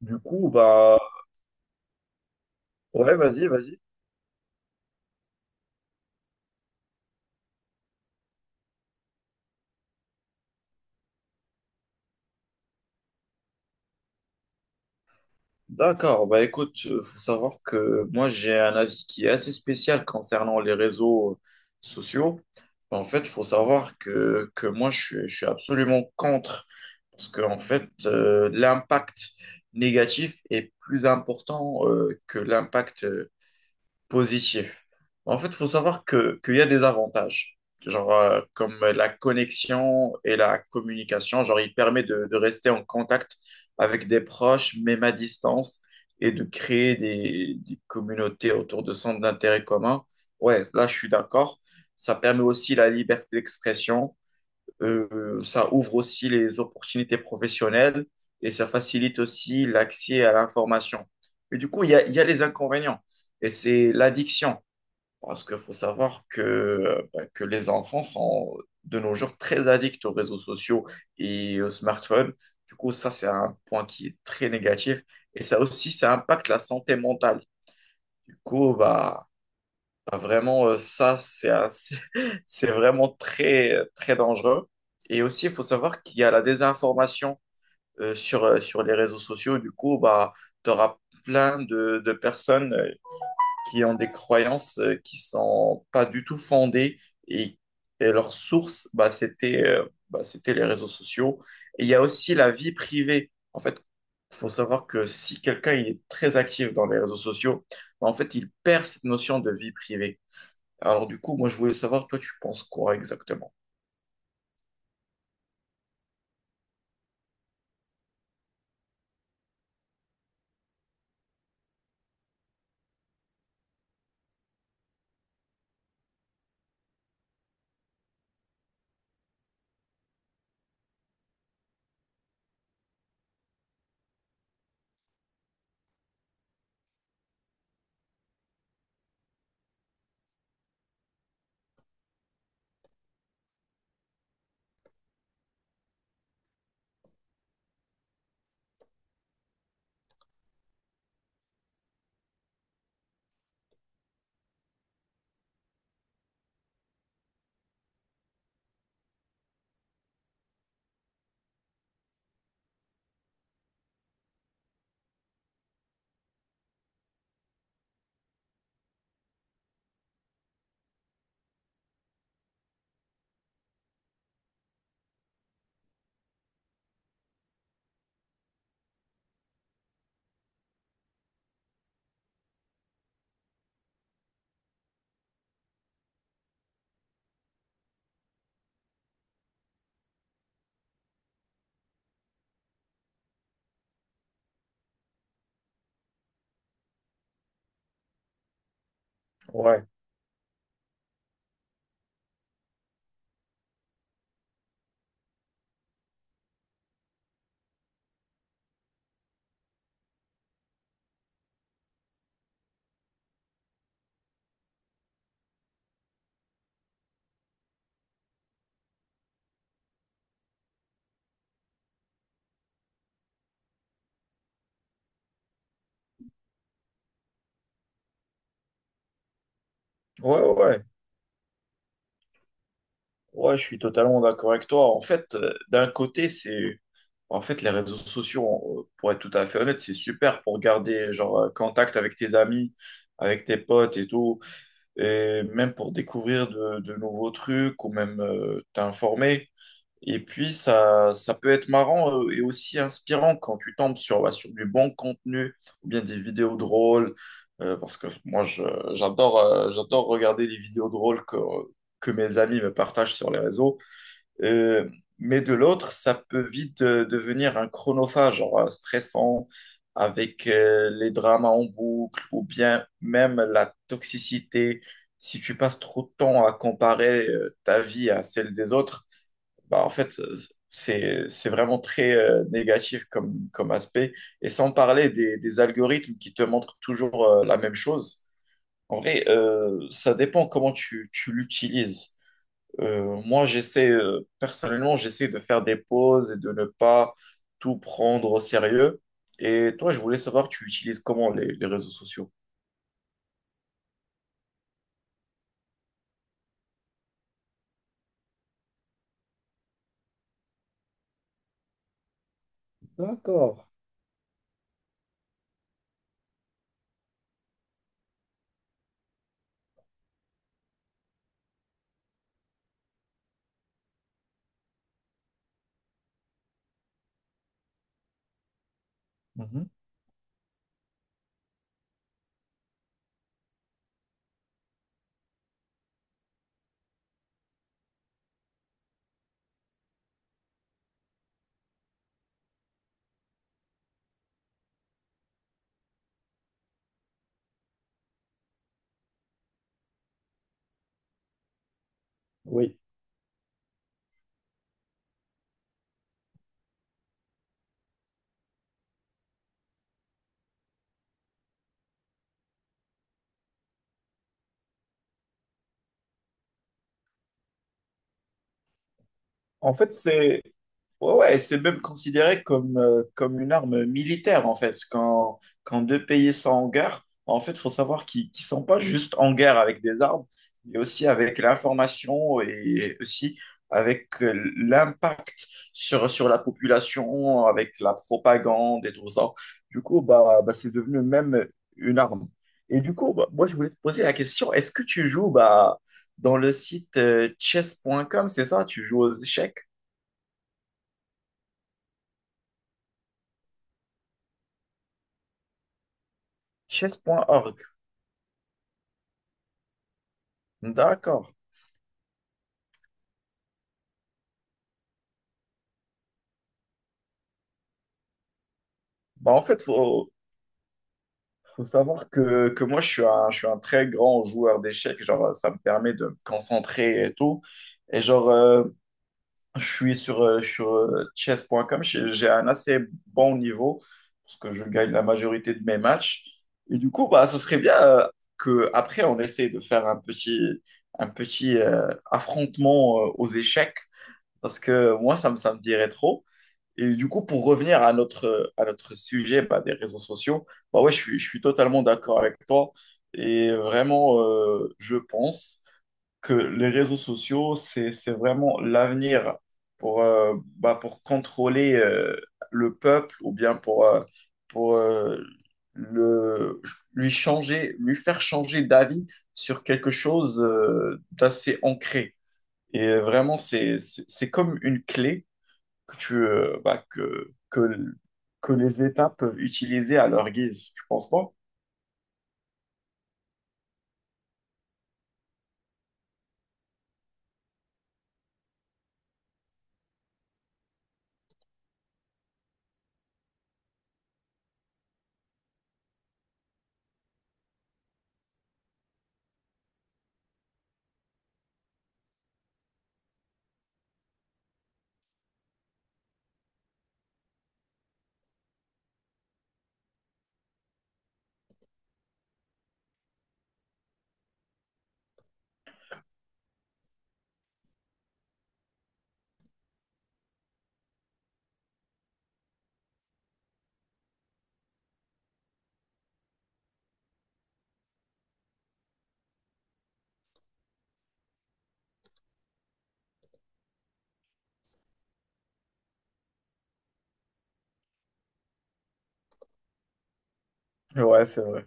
Du coup, bah, ouais, vas-y, vas-y. D'accord, bah écoute, faut savoir que moi j'ai un avis qui est assez spécial concernant les réseaux sociaux. En fait, faut savoir que moi je suis absolument contre parce que en fait l'impact négatif est plus important que l'impact positif. En fait, il faut savoir que qu'il y a des avantages, genre comme la connexion et la communication. Genre, il permet de rester en contact avec des proches, même à distance, et de créer des communautés autour de centres d'intérêt communs. Ouais, là, je suis d'accord. Ça permet aussi la liberté d'expression, ça ouvre aussi les opportunités professionnelles et ça facilite aussi l'accès à l'information. Mais du coup, il y a les inconvénients et c'est l'addiction parce qu'il faut savoir que, bah, que les enfants sont de nos jours très addicts aux réseaux sociaux et aux smartphones. Du coup, ça, c'est un point qui est très négatif et ça aussi, ça impacte la santé mentale. Du coup, bah, Vraiment, ça, c'est vraiment très, très dangereux. Et aussi, il faut savoir qu'il y a la désinformation sur les réseaux sociaux. Du coup, bah, tu auras plein de personnes qui ont des croyances qui sont pas du tout fondées et, et leur source, bah, c'était les réseaux sociaux. Et il y a aussi la vie privée. En fait, il faut savoir que si quelqu'un il est très actif dans les réseaux sociaux, bah, en fait, il perd cette notion de vie privée. Alors du coup, moi je voulais savoir, toi tu penses quoi exactement? Ouais, ouais, ouais, je suis totalement d'accord avec toi. En fait, d'un côté, c'est, en fait, les réseaux sociaux, pour être tout à fait honnête, c'est super pour garder, genre, contact avec tes amis, avec tes potes et tout, et même pour découvrir de nouveaux trucs ou même t'informer. Et puis, ça peut être marrant et aussi inspirant quand tu tombes sur, bah, sur du bon contenu ou bien des vidéos drôles. Parce que moi, je- j'adore j'adore regarder les vidéos drôles que mes amis me partagent sur les réseaux. Euh, mais de l'autre, ça peut vite devenir un chronophage, genre stressant, avec les dramas en boucle ou bien même la toxicité. Si tu passes trop de temps à comparer ta vie à celle des autres, bah, en fait, c'est vraiment très négatif comme aspect. Et sans parler des algorithmes qui te montrent toujours la même chose. En vrai, ça dépend tu l'utilises. Personnellement, j'essaie de faire des pauses et de ne pas tout prendre au sérieux. Et toi, je voulais savoir, tu utilises comment les réseaux sociaux? Mhm. Oui. En fait, c'est Ouais, ouais, c'est même considéré comme, comme une arme militaire, en fait. Quand deux pays sont en guerre, en fait, il faut savoir qu'ils ne sont pas juste en guerre avec des armes, mais aussi avec l'information et aussi avec l'impact sur la population, avec la propagande et tout ça. C'est devenu même une arme. Et du coup, bah, moi, je voulais te poser la question, est-ce que tu joues bah, dans le site chess.com, c'est ça? Tu joues aux échecs? chess.org. D'accord. Bah, en fait, faut savoir que moi, je suis un très grand joueur d'échecs. Genre, ça me permet de me concentrer et tout. Et genre, je suis sur, sur chess.com. J'ai un assez bon niveau parce que je gagne la majorité de mes matchs. Et du coup, bah, ça serait bien que après on essaie de faire un petit affrontement aux échecs parce que moi, ça me dirait trop. Et du coup, pour revenir à à notre sujet bah, des réseaux sociaux, bah ouais, je suis totalement d'accord avec toi. Et vraiment, je pense que les réseaux sociaux, c'est vraiment l'avenir pour, pour contrôler le peuple ou bien pour le, lui changer, lui faire changer d'avis sur quelque chose d'assez ancré. Et vraiment, c'est comme une clé que tu, bah, que les États peuvent utiliser à leur guise, tu penses pas? Ouais, c'est vrai.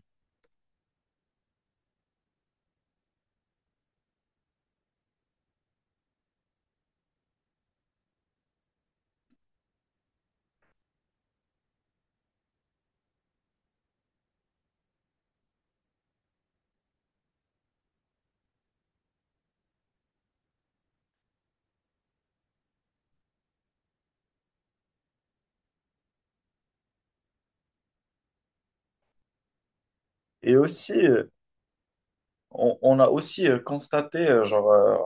Et aussi, on a aussi constaté,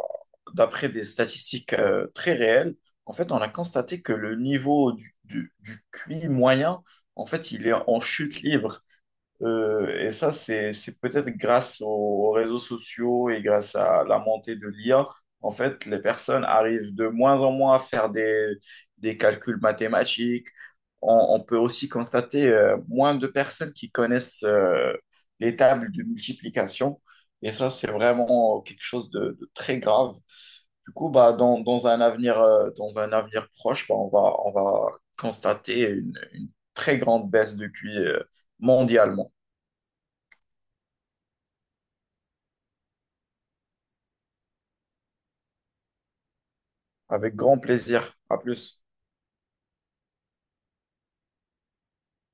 d'après des statistiques très réelles, en fait, on a constaté que le niveau du QI moyen, en fait, il est en chute libre. Et ça, c'est peut-être grâce aux réseaux sociaux et grâce à la montée de l'IA. En fait, les personnes arrivent de moins en moins à faire des calculs mathématiques. On peut aussi constater moins de personnes qui connaissent les tables de multiplication. Et ça, c'est vraiment quelque chose de très grave. Du coup, bah, dans un avenir proche, bah, on va constater une très grande baisse de QI mondialement. Avec grand plaisir. À plus.